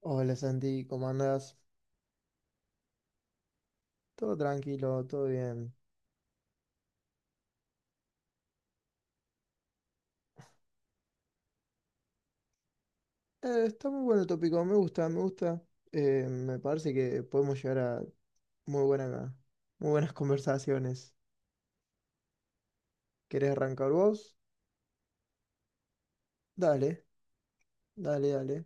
Hola Santi, ¿cómo andas? Todo tranquilo, todo bien. Está muy bueno el tópico, me gusta, me gusta. Me parece que podemos llegar a muy buena, muy buenas conversaciones. ¿Querés arrancar vos? Dale, dale, dale.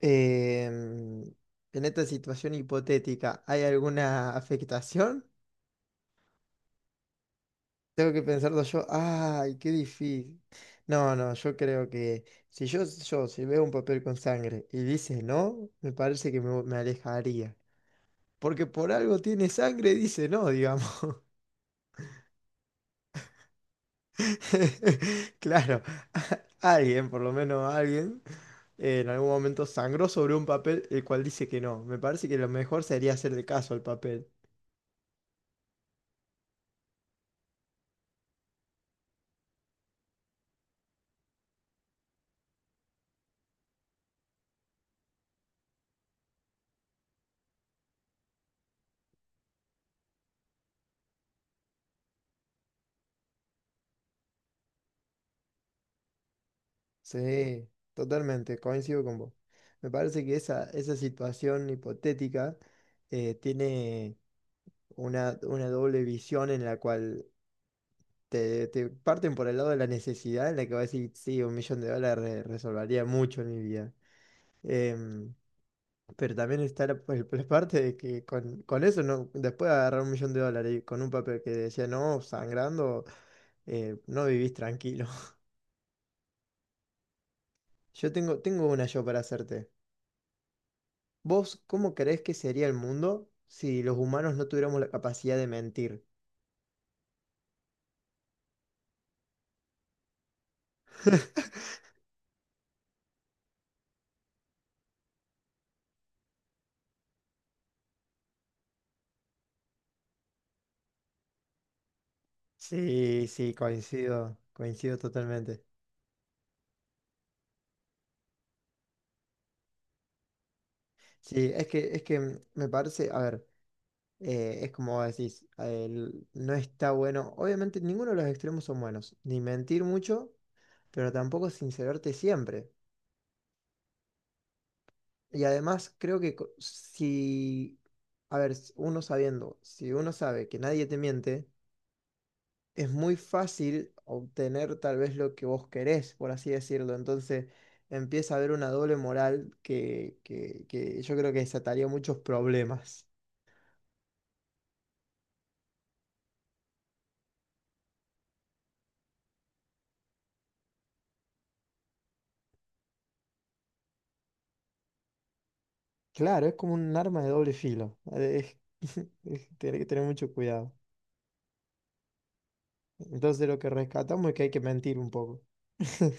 Em, en esta situación hipotética, ¿hay alguna afectación? Tengo que pensarlo yo. ¡Ay, qué difícil! No, no, yo creo que si yo si veo un papel con sangre y dice no, me parece que me alejaría. Porque por algo tiene sangre, dice no, digamos. Claro, alguien, por lo menos alguien, en algún momento sangró sobre un papel el cual dice que no. Me parece que lo mejor sería hacerle caso al papel. Sí, totalmente, coincido con vos. Me parece que esa situación hipotética tiene una doble visión en la cual te parten por el lado de la necesidad, en la que vas a decir, sí, un millón de dólares resolvería mucho en mi vida. Em, Pero también está la parte de que con eso no, después de agarrar un millón de dólares y con un papel que decía no, sangrando, no vivís tranquilo. Yo tengo una yo para hacerte. ¿Vos cómo creés que sería el mundo si los humanos no tuviéramos la capacidad de mentir? Sí, sí, coincido, coincido totalmente. Sí, es que me parece, a ver, es como vos decís, no está bueno, obviamente ninguno de los extremos son buenos, ni mentir mucho, pero tampoco sincerarte siempre. Y además creo que si, a ver, uno sabiendo, si uno sabe que nadie te miente, es muy fácil obtener tal vez lo que vos querés, por así decirlo. Entonces empieza a haber una doble moral que yo creo que desataría muchos problemas. Claro, es como un arma de doble filo. Es, tenés que tener mucho cuidado. Entonces lo que rescatamos es que hay que mentir un poco. Eso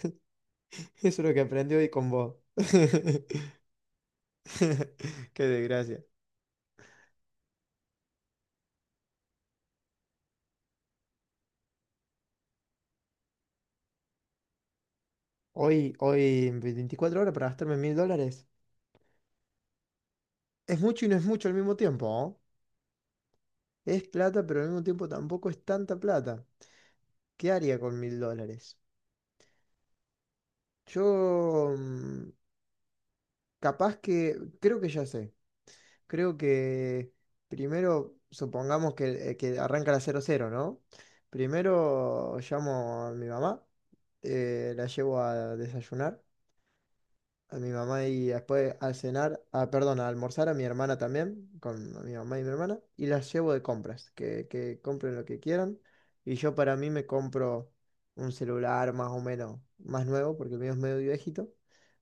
es lo que aprendí hoy con vos. Qué desgracia. Hoy, hoy, en 24 horas para gastarme mil dólares. Es mucho y no es mucho al mismo tiempo, ¿no? Es plata, pero al mismo tiempo tampoco es tanta plata. ¿Qué haría con mil dólares? Yo, capaz que, creo que ya sé. Creo que primero, supongamos que arranca la cero cero, ¿no? Primero llamo a mi mamá, la llevo a desayunar a mi mamá y después al cenar, ah, perdón, a almorzar a mi hermana también, con mi mamá y mi hermana, y las llevo de compras, que compren lo que quieran. Y yo para mí me compro un celular más o menos más nuevo, porque el mío es medio viejito,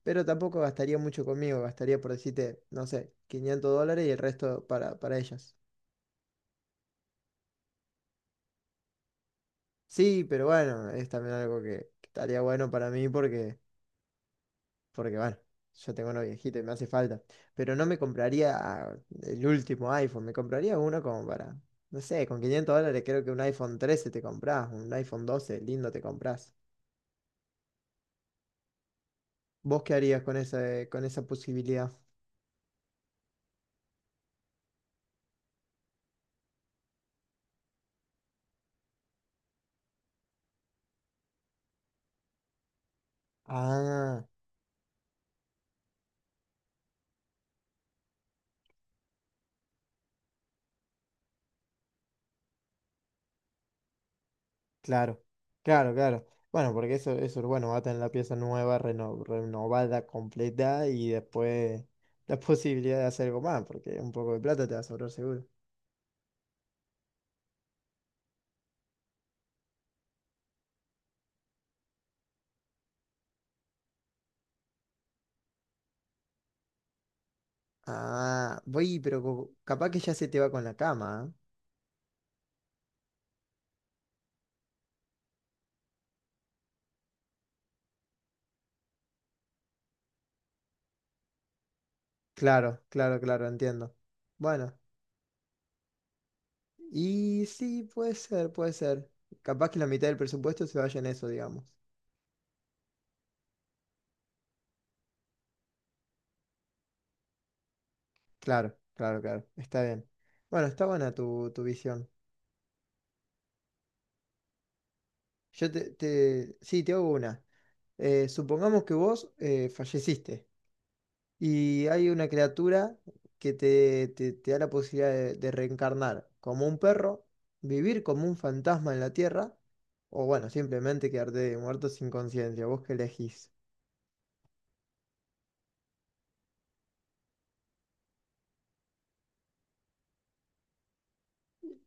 pero tampoco gastaría mucho conmigo, gastaría por decirte, no sé, 500 dólares y el resto para ellas. Sí, pero bueno, es también algo que estaría bueno para mí porque... porque bueno, yo tengo uno viejito y me hace falta. Pero no me compraría el último iPhone, me compraría uno como para, no sé, con 500 dólares creo que un iPhone 13 te compras, un iPhone 12 lindo te compras. ¿Vos qué harías con con esa posibilidad? Ah, claro, claro, claro. Bueno, porque eso, bueno, va a tener la pieza nueva, renovada, completa y después la posibilidad de hacer algo más, porque un poco de plata te va a sobrar seguro. Ah, voy, pero capaz que ya se te va con la cama, ¿eh? Claro, claro, claro, entiendo. Bueno, y sí, puede ser, puede ser. Capaz que la mitad del presupuesto se vaya en eso, digamos. Claro, claro, claro, está bien. Bueno, está buena tu, tu visión. Yo sí, te hago una. Supongamos que vos falleciste. Y hay una criatura que te da la posibilidad de reencarnar como un perro, vivir como un fantasma en la tierra, o bueno, simplemente quedarte muerto sin conciencia. ¿Vos qué elegís?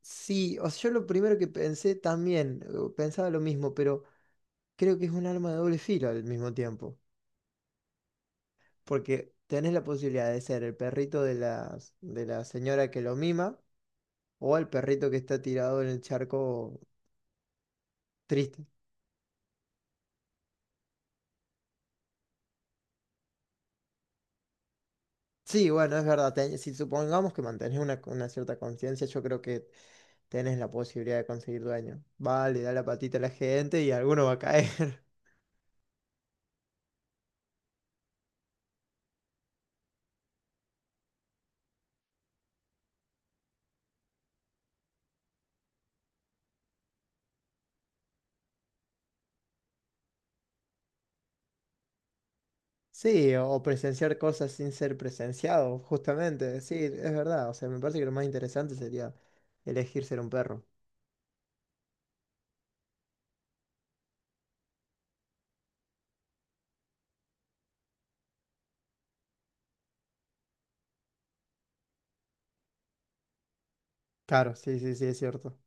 Sí, o sea, yo lo primero que pensé también, pensaba lo mismo, pero creo que es un arma de doble filo al mismo tiempo, porque tenés la posibilidad de ser el perrito de la señora que lo mima o el perrito que está tirado en el charco triste. Sí, bueno, es verdad. Si supongamos que mantenés una cierta conciencia, yo creo que tenés la posibilidad de conseguir dueño. Vale, da la patita a la gente y alguno va a caer. Sí, o presenciar cosas sin ser presenciado, justamente. Sí, es verdad. O sea, me parece que lo más interesante sería elegir ser un perro. Claro, sí, sí, sí, es cierto.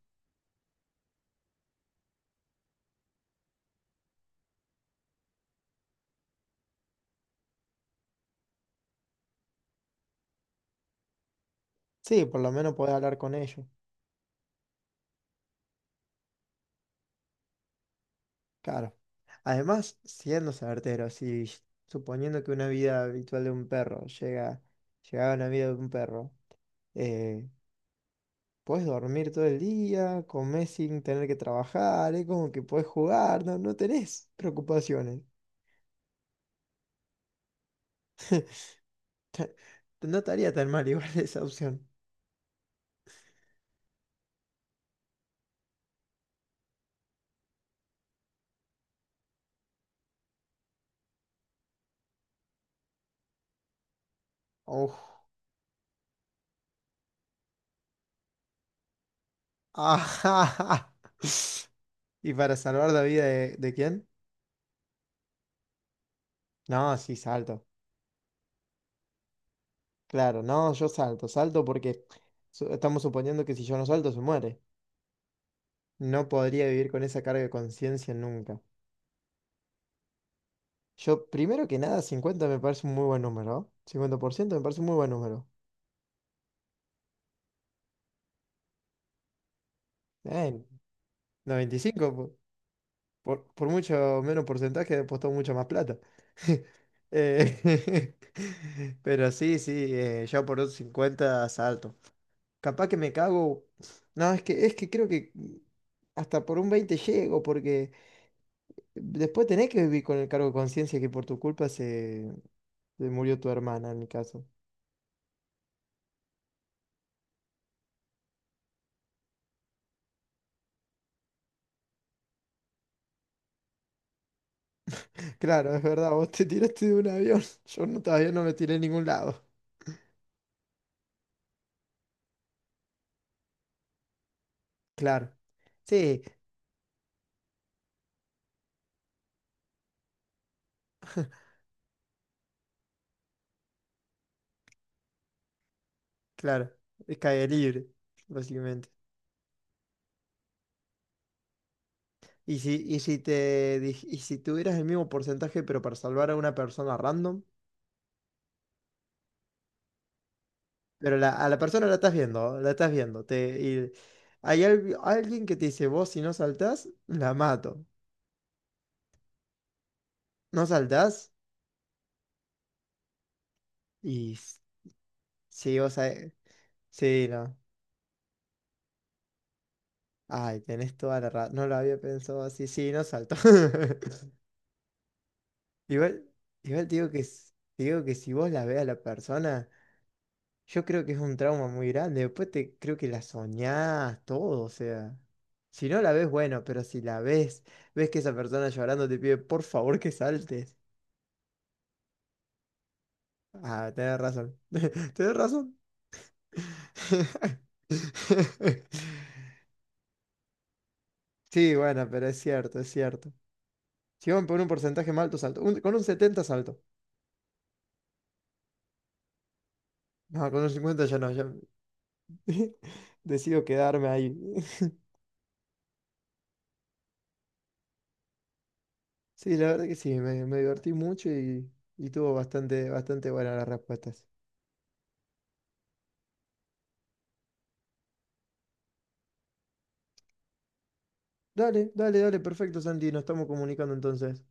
Sí, por lo menos podés hablar con ellos. Claro. Además, siendo certero, si suponiendo que una vida habitual de un perro llega, llegaba a una vida de un perro. Eh, Puedes dormir todo el día, comer sin tener que trabajar, es como que puedes jugar, no, no tenés preocupaciones. No estaría tan mal igual esa opción. Uf. Ajá. ¿Y para salvar la vida de quién? No, sí, salto. Claro, no, yo salto, salto porque estamos suponiendo que si yo no salto se muere. No podría vivir con esa carga de conciencia nunca. Yo, primero que nada, 50 me parece un muy buen número, ¿no? Cincuenta por ciento me parece un muy buen número. Eh, 95. Por mucho menos porcentaje apostó mucho más plata. Eh, pero sí, sí, yo por un 50 salto. Capaz que me cago. No, es que creo que hasta por un 20 llego, porque después tenés que vivir con el cargo de conciencia que por tu culpa se murió tu hermana en mi caso. Claro, es verdad, vos te tiraste de un avión. Yo no, todavía no me tiré en ningún lado. Claro. Sí, claro. Es caer libre, básicamente. Y si, y si y si tuvieras el mismo porcentaje, pero para salvar a una persona random, pero a la persona la estás viendo, te, y hay alguien que te dice, vos si no saltás, la mato. No saltás y s- sí, vos sabés. Sí, no. Ay, tenés toda la razón. No lo había pensado así, sí, no salto. Igual, igual te digo que te digo que si vos la ves a la persona. Yo creo que es un trauma muy grande. Después te creo que la soñás, todo, o sea. Si no la ves, bueno, pero si la ves, ves que esa persona llorando te pide por favor que saltes. Ah, tenés razón. Tenés razón. Sí, bueno, pero es cierto, es cierto. Si van por un porcentaje más alto, salto. Con un 70 salto. No, con un 50 ya no, ya decido quedarme ahí. Sí, la verdad que sí, me divertí mucho y tuvo bastante, bastante buenas las respuestas. Dale, dale, dale, perfecto, Santi. Nos estamos comunicando entonces.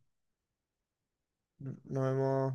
Nos vemos.